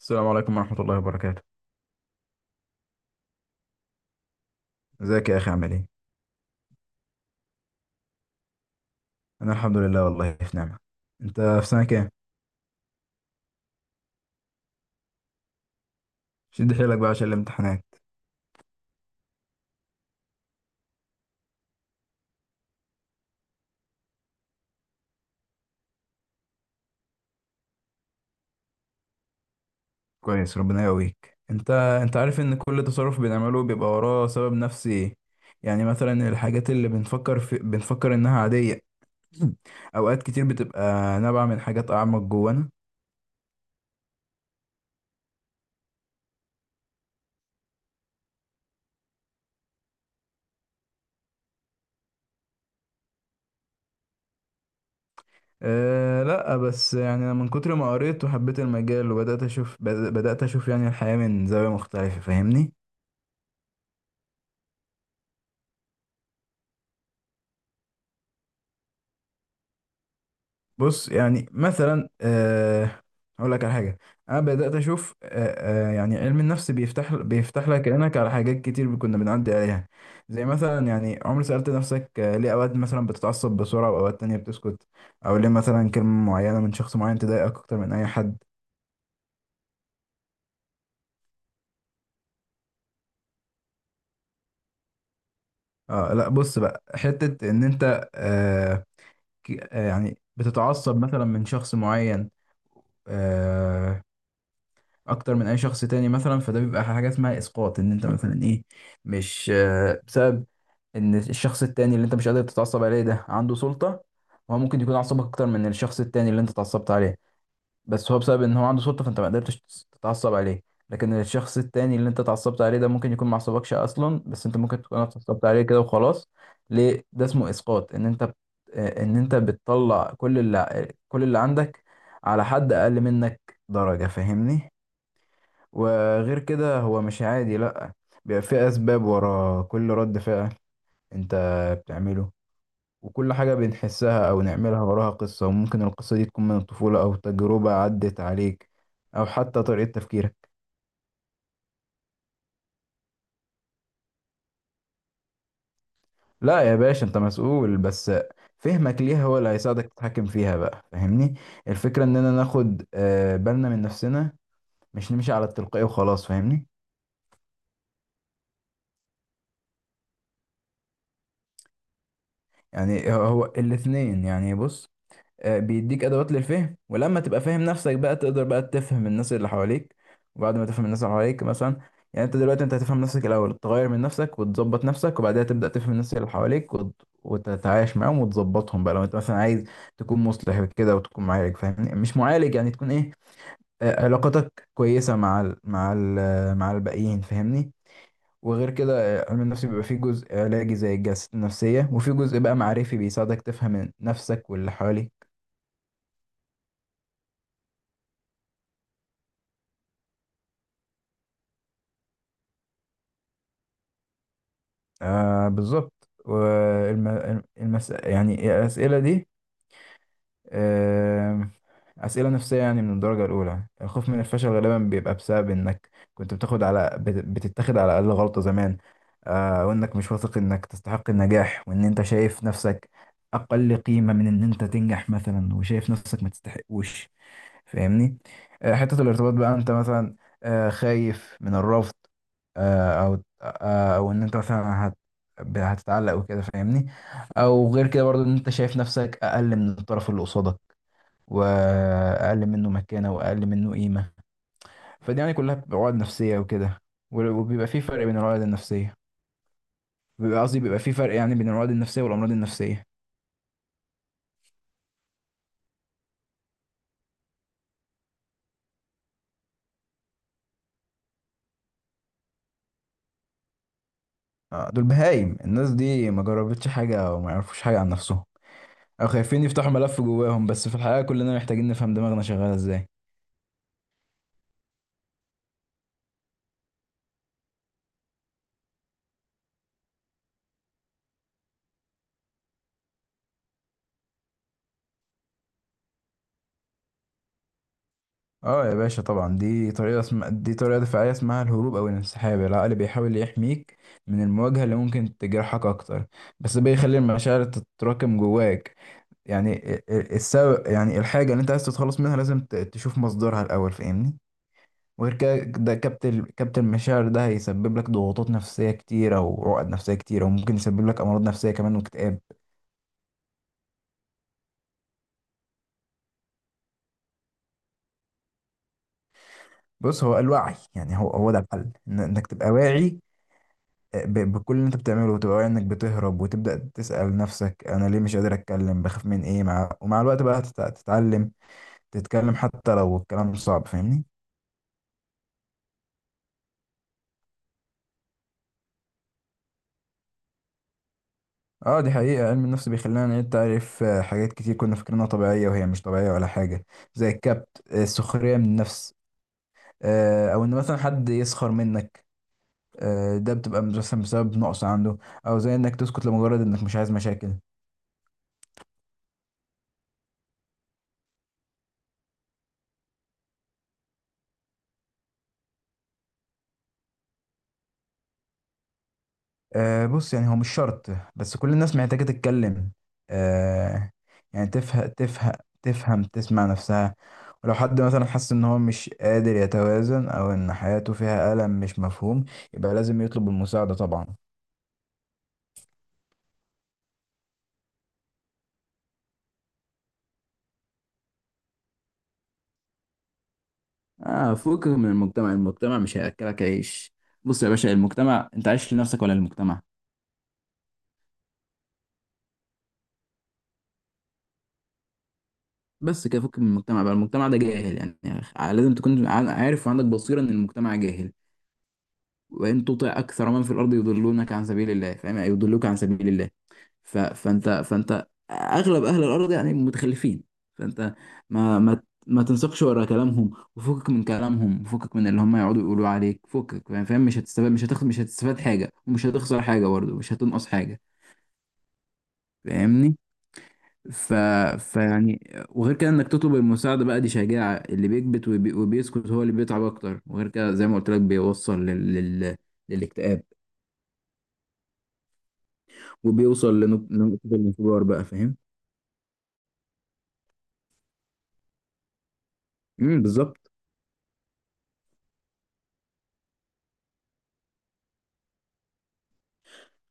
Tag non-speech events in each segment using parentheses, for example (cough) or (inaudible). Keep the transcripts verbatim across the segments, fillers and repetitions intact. السلام عليكم ورحمة الله وبركاته. ازيك يا أخي عامل ايه؟ أنا الحمد لله، والله في نعمة. أنت في سنة كام؟ شد حيلك بقى عشان الامتحانات. كويس، ربنا يقويك. أنت أنت عارف إن كل تصرف بنعمله بيبقى وراه سبب نفسي. يعني مثلا الحاجات اللي بنفكر في... بنفكر إنها عادية. (clears throat) أوقات كتير بتبقى نابعة من حاجات أعمق جوانا. أه لا، بس يعني أنا من كتر ما قريت وحبيت المجال وبدأت أشوف بد- بدأت أشوف يعني الحياة من زاوية مختلفة، فاهمني؟ بص يعني مثلا آه، هقول لك على حاجه. انا بدات اشوف آه، آه، يعني علم النفس بيفتح بيفتح لك عينك على حاجات كتير كنا بنعدي عليها. زي مثلا يعني عمر سالت نفسك، آه، ليه اوقات مثلا بتتعصب بسرعه واوقات تانية بتسكت؟ او ليه مثلا كلمه معينه من شخص معين تضايقك اكتر من اي حد؟ اه لا، بص بقى، حته ان انت آه، ك- آه، يعني بتتعصب مثلا من شخص معين، آه، اكتر من اي شخص تاني مثلا، فده بيبقى حاجه اسمها اسقاط. ان انت مثلا ايه، مش آه، بسبب ان الشخص التاني اللي انت مش قادر تتعصب عليه ده عنده سلطه، هو ممكن يكون عصبك اكتر من الشخص التاني اللي انت اتعصبت عليه، بس هو بسبب ان هو عنده سلطه فانت ما قدرتش تتعصب عليه. لكن الشخص التاني اللي انت اتعصبت عليه ده ممكن يكون ما عصبكش اصلا، بس انت ممكن تكون اتعصبت عليه كده وخلاص. ليه ده اسمه اسقاط؟ ان انت بت- آه، ان انت بتطلع كل اللي كل اللي عندك على حد اقل منك درجه، فاهمني؟ وغير كده هو مش عادي، لأ، بيبقى في أسباب ورا كل رد فعل أنت بتعمله، وكل حاجة بنحسها أو نعملها وراها قصة، وممكن القصة دي تكون من الطفولة أو تجربة عدت عليك أو حتى طريقة تفكيرك. لأ يا باشا، أنت مسؤول، بس فهمك ليها هو اللي هيساعدك تتحكم فيها بقى، فاهمني. الفكرة إننا ناخد آه، بالنا من نفسنا، مش نمشي على التلقائي وخلاص، فاهمني. يعني هو هو الاتنين يعني. بص، آه، بيديك ادوات للفهم، ولما تبقى فاهم نفسك بقى تقدر بقى تفهم الناس اللي حواليك. وبعد ما تفهم الناس اللي حواليك مثلا، يعني انت دلوقتي انت هتفهم نفسك الاول، تغير من نفسك وتظبط نفسك، وبعدها تبدا تفهم الناس اللي حواليك، وت- وتتعايش معاهم وتظبطهم بقى، لو انت مثلا عايز تكون مصلح كده وتكون معالج، فاهمني؟ مش معالج يعني، تكون ايه، آه، علاقتك كويسه مع ال مع ال مع الباقيين، فاهمني. وغير كده آه، علم النفس بيبقى فيه جزء علاجي زي الجلسات النفسية، وفيه جزء بقى معرفي بيساعدك تفهم نفسك واللي حواليك. آه بالظبط. والم... المس... يعني الأسئلة دي آه أسئلة نفسية يعني من الدرجة الأولى. الخوف من الفشل غالبا بيبقى بسبب إنك كنت بتاخد على بت... بتتاخد على أقل غلطة زمان، آه، وإنك مش واثق إنك تستحق النجاح، وإن أنت شايف نفسك أقل قيمة من إن أنت تنجح مثلا، وشايف نفسك ما تستحقوش، فاهمني. آه، حتة الارتباط بقى، انت مثلا آه، خايف من الرفض، آه، او آه، او ان انت مثلا هت هتتعلق وكده، فاهمني. او غير كده برضو ان انت شايف نفسك اقل من الطرف اللي قصادك، واقل منه مكانة واقل منه قيمة. فدي يعني كلها بتبقى عقد نفسية وكده. وال- وبيبقى في فرق بين العقد النفسية، بيبقى قصدي بيبقى في فرق يعني بين العقد النفسية والامراض النفسية. آه، دول بهايم، الناس دي ما جربتش حاجة وما يعرفوش حاجة عن نفسهم، او خايفين يفتحوا ملف جواهم، بس في الحقيقه كلنا محتاجين نفهم دماغنا شغاله ازاي. اه يا باشا طبعا، دي طريقه اسم... دي طريقه دفاعيه اسمها الهروب او الانسحاب. العقل بيحاول يحميك من المواجهه اللي ممكن تجرحك اكتر، بس بيخلي المشاعر تتراكم جواك. يعني ال- ال- السبب، يعني الحاجه اللي انت عايز تتخلص منها لازم ت- تشوف مصدرها الاول، فاهمني. وغير كده ده كبت ال- كبت المشاعر ده هيسبب لك ضغوطات نفسيه كتيره وعقد نفسيه كتيره، وممكن يسبب لك امراض نفسيه كمان واكتئاب. بص، هو الوعي يعني، هو هو ده الحل، إن- انك تبقى واعي، آه، ب- بكل اللي انت بتعمله، وتبقى واعي انك بتهرب، وتبدا تسال نفسك انا ليه مش قادر اتكلم، بخاف من ايه، مع ومع الوقت بقى تت- تتعلم تتكلم حتى لو الكلام صعب، فاهمني. اه دي حقيقة، علم النفس بيخلينا نعيد تعريف آه، حاجات كتير كنا فاكرينها طبيعية وهي مش طبيعية ولا حاجة، زي الكبت، آه، السخرية من النفس، آه، او ان مثلا حد يسخر منك، آه، ده بتبقى مثلا بسبب نقص عنده، او زي انك تسكت لمجرد انك مش عايز مشاكل. أه بص، يعني هو مش شرط، بس كل الناس محتاجة تتكلم. أه، يعني تفهم تفهم تفهم تسمع نفسها. ولو حد مثلا حس ان هو مش قادر يتوازن، او ان حياته فيها ألم مش مفهوم، يبقى لازم يطلب المساعدة طبعا. اه فوق من المجتمع، المجتمع مش هياكلك عيش. بص يا باشا، المجتمع، انت عايش لنفسك ولا للمجتمع؟ بس كده، فوق من المجتمع بقى. المجتمع ده جاهل يعني, يعني لازم تكون ع- عارف وعندك بصيرة ان المجتمع جاهل. وان تطع اكثر من في الارض يضلونك عن سبيل الله، فاهم؟ يعني يضلوك عن سبيل الله. ف... فانت، فانت اغلب اهل الارض يعني متخلفين. فانت ما ما ما تنسقش ورا كلامهم، وفكك من كلامهم، وفكك من اللي هم يقعدوا يقولوا عليك، فكك، فاهم فاهم؟ مش هتستفاد، مش هتاخد، مش هتستفاد حاجه، ومش هتخسر حاجه برضه، مش هتنقص حاجه، فاهمني. ف... فيعني وغير كده انك تطلب المساعده بقى دي شجاعه. اللي بيكبت وبي... وبيسكت هو اللي بيتعب اكتر، وغير كده زي ما قلت لك بيوصل لل... لل... للاكتئاب، وبيوصل لنق- لنقطة الانفجار بقى، فاهم؟ امم بالظبط.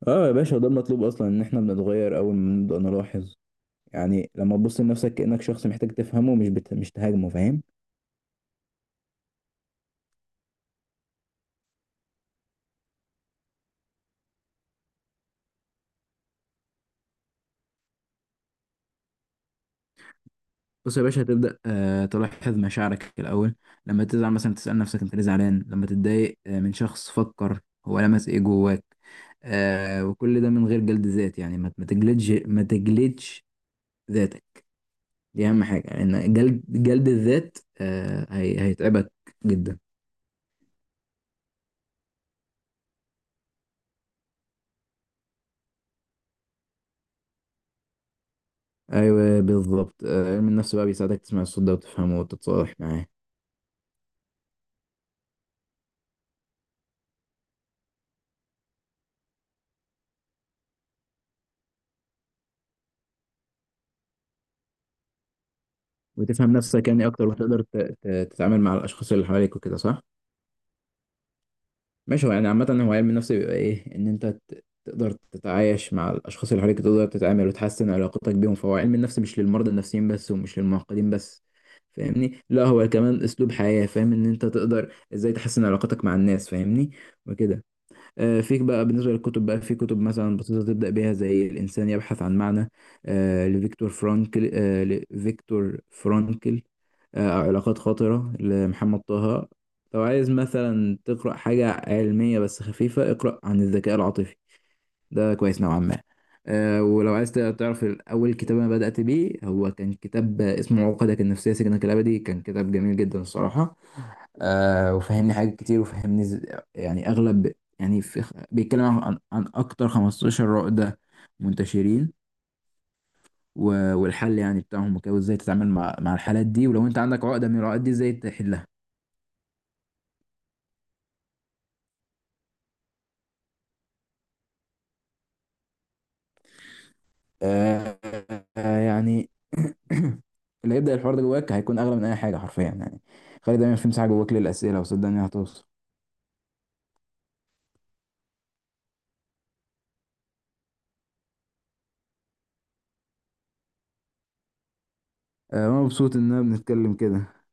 اه يا باشا، ده المطلوب اصلا، ان احنا بنتغير اول ما نبدأ نلاحظ. يعني لما تبص لنفسك كأنك شخص محتاج تفهمه، مش بت... مش تهاجمه، فاهم؟ بص يا باشا، هتبدأ آه تلاحظ مشاعرك الأول. لما تزعل مثلا تسأل نفسك انت ليه زعلان، لما تتضايق آه من شخص فكر هو لمس ايه جواك، آه، وكل ده من غير جلد ذات. يعني ما ما تجلدش ما تجلدش ذاتك، دي أهم حاجة، لأن يعني جلد جلد الذات آه هي... هيتعبك جدا. ايوه بالظبط، آه، علم النفس بقى بيساعدك تسمع الصوت ده وتفهمه وتتصالح معاه، وتفهم نفسك يعني اكتر، وتقدر ت- ت- تتعامل مع الاشخاص اللي حواليك وكده، صح؟ ماشي. هو يعني عامه هو علم النفس بيبقى ايه، ان انت ت- تقدر تتعايش مع الاشخاص اللي حواليك، تقدر تتعامل وتحسن علاقتك بيهم. فهو علم النفس مش للمرضى النفسيين بس ومش للمعقدين بس، فاهمني، لا هو كمان اسلوب حياه، فاهم ان انت تقدر ازاي تحسن علاقتك مع الناس، فاهمني، وكده. آه، فيك بقى، بالنسبة للكتب بقى في كتب مثلا بسيطة تبدأ بيها زي الإنسان يبحث عن معنى، آه، لفيكتور فرانكل آه، لفيكتور فرانكل، آه، أو علاقات خاطرة لمحمد طه. لو عايز مثلا تقرأ حاجة علمية بس خفيفة اقرأ عن الذكاء العاطفي، ده كويس نوعا ما. آه، ولو عايز تعرف أول كتاب أنا بدأت بيه، هو كان كتاب اسمه عقدك النفسية سجنك الأبدي، كان كتاب جميل جدا الصراحة. آه وفهمني حاجات كتير، وفهمني ز- يعني اغلب، يعني في خ- بيتكلم عن عن اكتر خمستاشر عقدة منتشرين، و- والحل يعني بتاعهم وكده، وازاي تتعامل مع مع الحالات دي، ولو انت عندك عقدة من العقد دي ازاي تحلها. آه آه، يعني (clears throat) اللي هيبدأ الحوار ده جواك هيكون اغلى من اي حاجة حرفيا يعني. خلي دايما في مساحة جواك للأسئلة، وصدقني هتوصل. آه انا مبسوط اننا بنتكلم كده.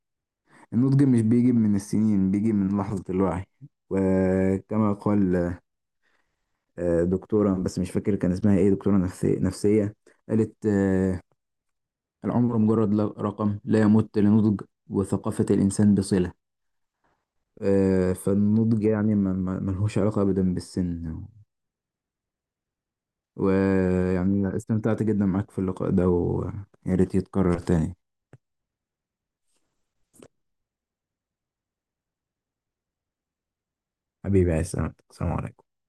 النضج مش بيجي من السنين، بيجي من لحظة الوعي. وكما قال آه، دكتورة، بس مش فاكر كان اسمها ايه، دكتورة نفسية نفسية، قالت آه، العمر مجرد ل- رقم لا يمت لنضج وثقافة الإنسان بصلة. آه، فالنضج يعني ما- ما- ملهوش علاقة أبدا بالسن. ويعني استمتعت جدا معاك في اللقاء ده، ويا ريت يتكرر تاني. حبيبي يا سلام، السلام عليكم.